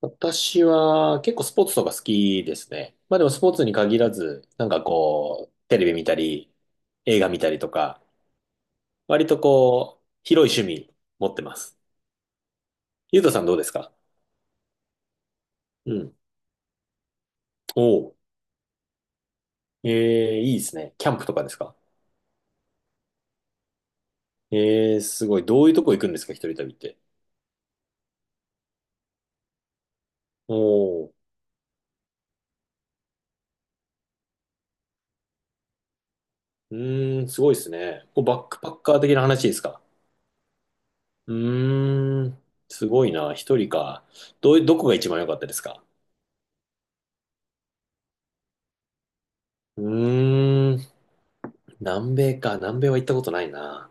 私は結構スポーツとか好きですね。まあでもスポーツに限らず、なんかこう、テレビ見たり、映画見たりとか、割とこう、広い趣味持ってます。ゆうとさんどうですか？うん。おう。ええいいですね。キャンプとかですか？ええすごい。どういうとこ行くんですか、一人旅って。おう。うーん、すごいですね。こうバックパッカー的な話ですか？うーん、すごいな。一人か。どこが一番良かったですか？うーん。南米か。南米は行ったことないな。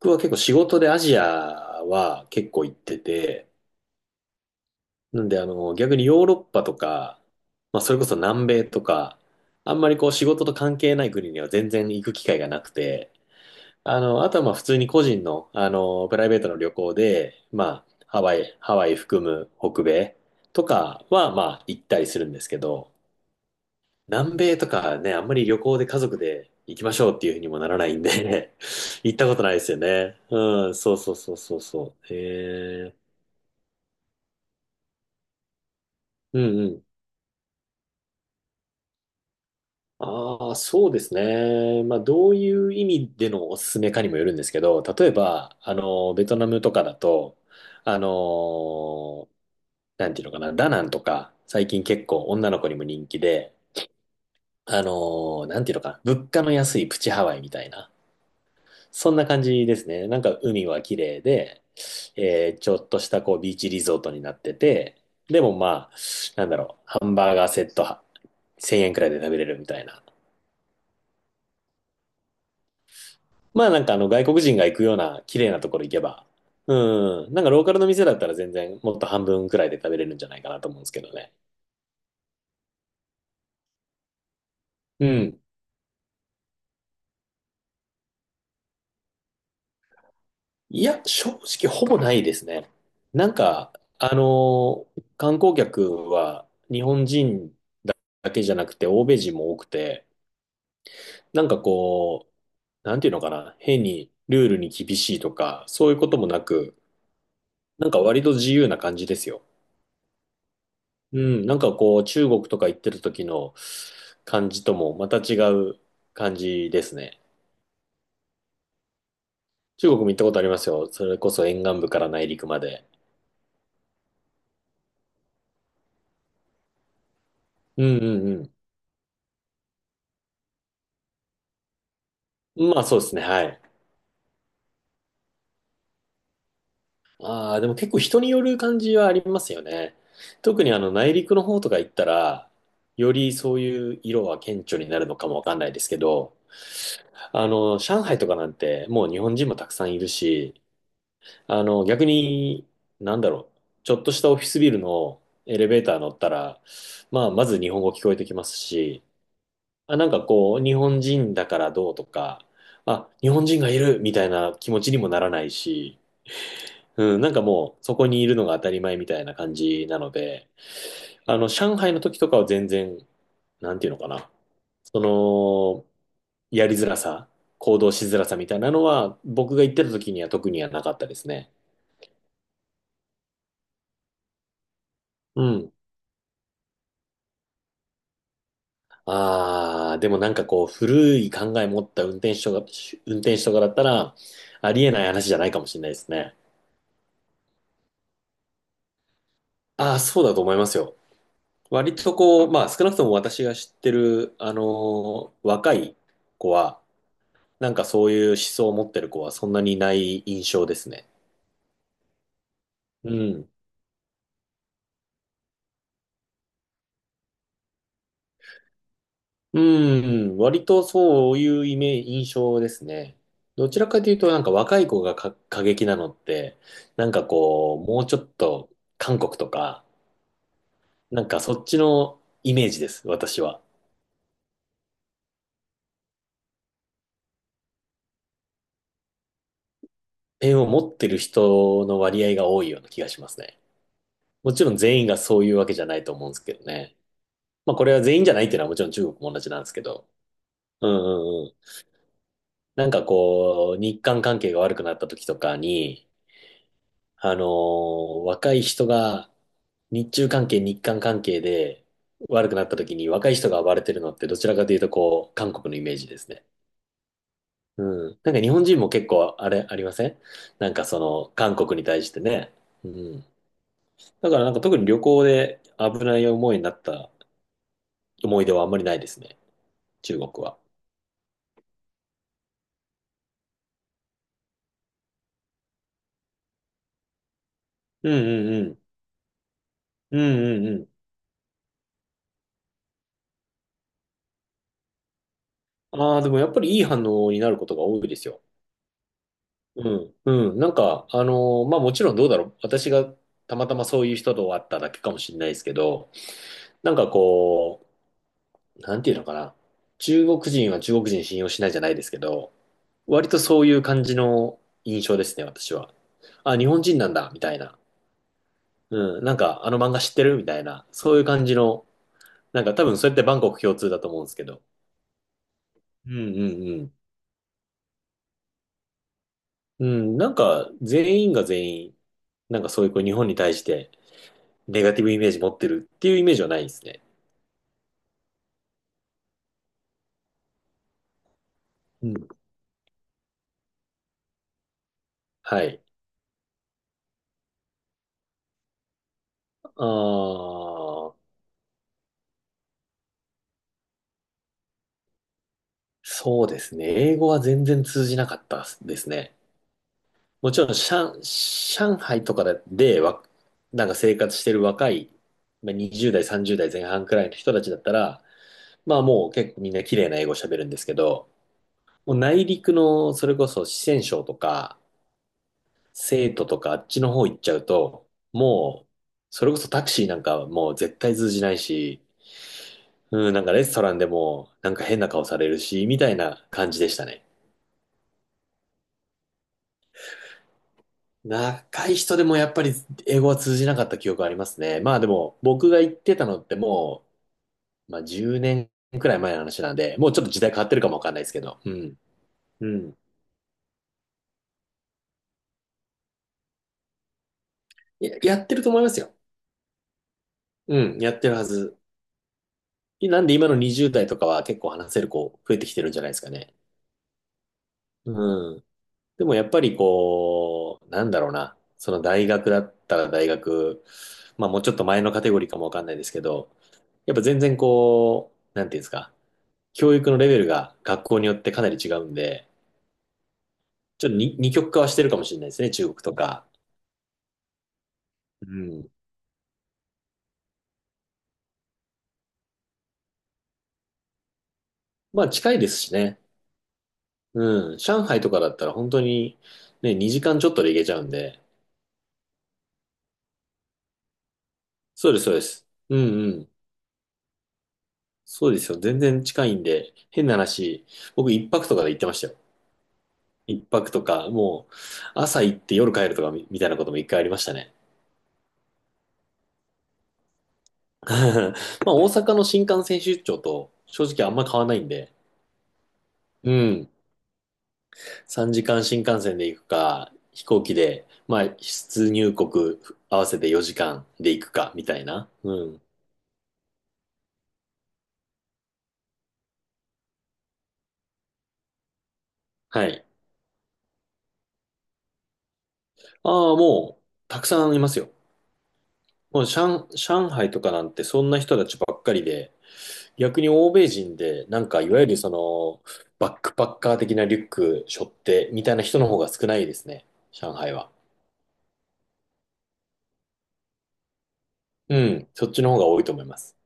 僕は結構仕事でアジアは結構行ってて、なんで逆にヨーロッパとか、まあそれこそ南米とか、あんまりこう仕事と関係ない国には全然行く機会がなくて、あとはまあ普通に個人の、プライベートの旅行で、まあハワイ含む北米とかはまあ行ったりするんですけど、南米とかね、あんまり旅行で家族で行きましょうっていうふうにもならないんで、 行ったことないですよね。うん、そうそうそうそうそう。うんうん。ああ、そうですね。まあ、どういう意味でのおすすめかにもよるんですけど、例えば、ベトナムとかだと、あの、なんていうのかな、ダナンとか、最近結構女の子にも人気で、なんていうのかな、物価の安いプチハワイみたいな。そんな感じですね。なんか海は綺麗で、ちょっとしたこうビーチリゾートになってて、でもまあ、なんだろう、ハンバーガーセットは1000円くらいで食べれるみたいな。まあなんかあの外国人が行くような綺麗なところ行けば、うん、なんかローカルの店だったら全然もっと半分くらいで食べれるんじゃないかなと思うんですけどね。うん。いや、正直ほぼないですね。なんか、観光客は日本人だけじゃなくて欧米人も多くて、なんかこう、なんていうのかな、変にルールに厳しいとか、そういうこともなく、なんか割と自由な感じですよ。うん、なんかこう、中国とか行ってる時の感じともまた違う感じですね。中国も行ったことありますよ。それこそ沿岸部から内陸まで。うんうんうん。まあそうですね、はい。ああ、でも結構人による感じはありますよね。特にあの内陸の方とか行ったら、よりそういう色は顕著になるのかもわかんないですけど、上海とかなんて、もう日本人もたくさんいるし、逆に、なんだろう、ちょっとしたオフィスビルのエレベーター乗ったら、まあ、まず日本語聞こえてきますし、あ、なんかこう、日本人だからどうとか、あ、日本人がいるみたいな気持ちにもならないし、うん、なんかもう、そこにいるのが当たり前みたいな感じなので、上海の時とかは全然、なんていうのかな。その、やりづらさ、行動しづらさみたいなのは、僕が行ってた時には特にはなかったですね。うん。ああ、でもなんかこう、古い考え持った運転手とかだったら、ありえない話じゃないかもしれないですね。ああ、そうだと思いますよ。割とこう、まあ少なくとも私が知ってる、若い子は、なんかそういう思想を持ってる子はそんなにいない印象ですね。うん。うん、割とそういうイメージ、印象ですね。どちらかというと、なんか若い子がか過激なのって、なんかこう、もうちょっと韓国とか、なんかそっちのイメージです、私は。ペンを持ってる人の割合が多いような気がしますね。もちろん全員がそういうわけじゃないと思うんですけどね。まあこれは全員じゃないっていうのはもちろん中国も同じなんですけど。うんうんうん。なんかこう、日韓関係が悪くなった時とかに、若い人が日中関係、日韓関係で悪くなった時に若い人が暴れてるのってどちらかというとこう、韓国のイメージですね。うん。なんか日本人も結構あれありません？なんかその韓国に対してね。うん。だからなんか特に旅行で危ない思いになった思い出はあんまりないですね。中国は。うんうんうん。うんうんうん。ああ、でもやっぱりいい反応になることが多いですよ。うん、うん。なんか、まあもちろんどうだろう。私がたまたまそういう人と会っただけかもしれないですけど、なんかこう、なんていうのかな。中国人は中国人信用しないじゃないですけど、割とそういう感じの印象ですね、私は。あ、日本人なんだ、みたいな。うん、なんかあの漫画知ってるみたいな。そういう感じの、なんか多分それってバンコク共通だと思うんですけど。うんうんうん。うん、なんか全員が全員、なんかそういうこう日本に対して、ネガティブイメージ持ってるっていうイメージはないですね。うん。はい。あー、そうですね。英語は全然通じなかったですね。もちろん、上海とかで、なんか生活してる若い、まあ20代、30代前半くらいの人たちだったら、まあもう結構みんな綺麗な英語喋るんですけど、もう内陸の、それこそ四川省とか、成都とかあっちの方行っちゃうと、もう、それこそタクシーなんかはもう絶対通じないし、うん、なんかレストランでも、なんか変な顔されるし、みたいな感じでしたね。若い人でもやっぱり英語は通じなかった記憶ありますね。まあでも、僕が行ってたのってもう、まあ10年くらい前の話なんで、もうちょっと時代変わってるかもわかんないですけど、うん、うん。やってると思いますよ。うん、やってるはず。なんで今の20代とかは結構話せる子増えてきてるんじゃないですかね。うん。でもやっぱりこう、なんだろうな、その大学だったら大学、まあもうちょっと前のカテゴリーかもわかんないですけど、やっぱ全然こう、なんていうんですか、教育のレベルが学校によってかなり違うんで、ちょっとに二極化はしてるかもしれないですね、中国とか。うん。まあ近いですしね。うん。上海とかだったら本当にね、2時間ちょっとで行けちゃうんで。そうです、そうです。うんうん。そうですよ。全然近いんで、変な話、僕一泊とかで行ってましたよ。一泊とか、もう朝行って夜帰るとかみたいなことも一回ありましたね。まあ大阪の新幹線出張と正直あんま変わらないんで、うん。3時間新幹線で行くか、飛行機で、まあ出入国合わせて4時間で行くか、みたいな。うん。はい。ああ、もう、たくさんいますよ。もう上海とかなんてそんな人たちばっかりで、逆に欧米人で、なんかいわゆるその、バックパッカー的なリュック背負ってみたいな人の方が少ないですね。上海は。うん、そっちの方が多いと思います。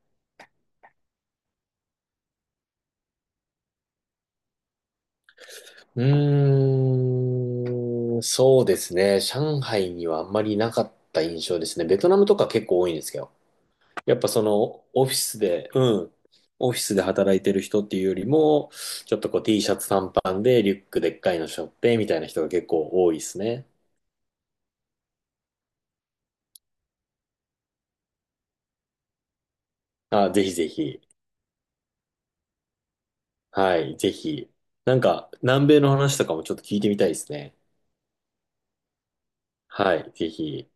うーん、そうですね。上海にはあんまりなかった印象ですね。ベトナムとか結構多いんですけど。やっぱその、オフィスで、うん、オフィスで働いてる人っていうよりも、ちょっとこう T シャツ短パンでリュックでっかいの背負ってみたいな人が結構多いですね。あ、ぜひぜひ。はい、ぜひ。なんか、南米の話とかもちょっと聞いてみたいですね。はい、ぜひ。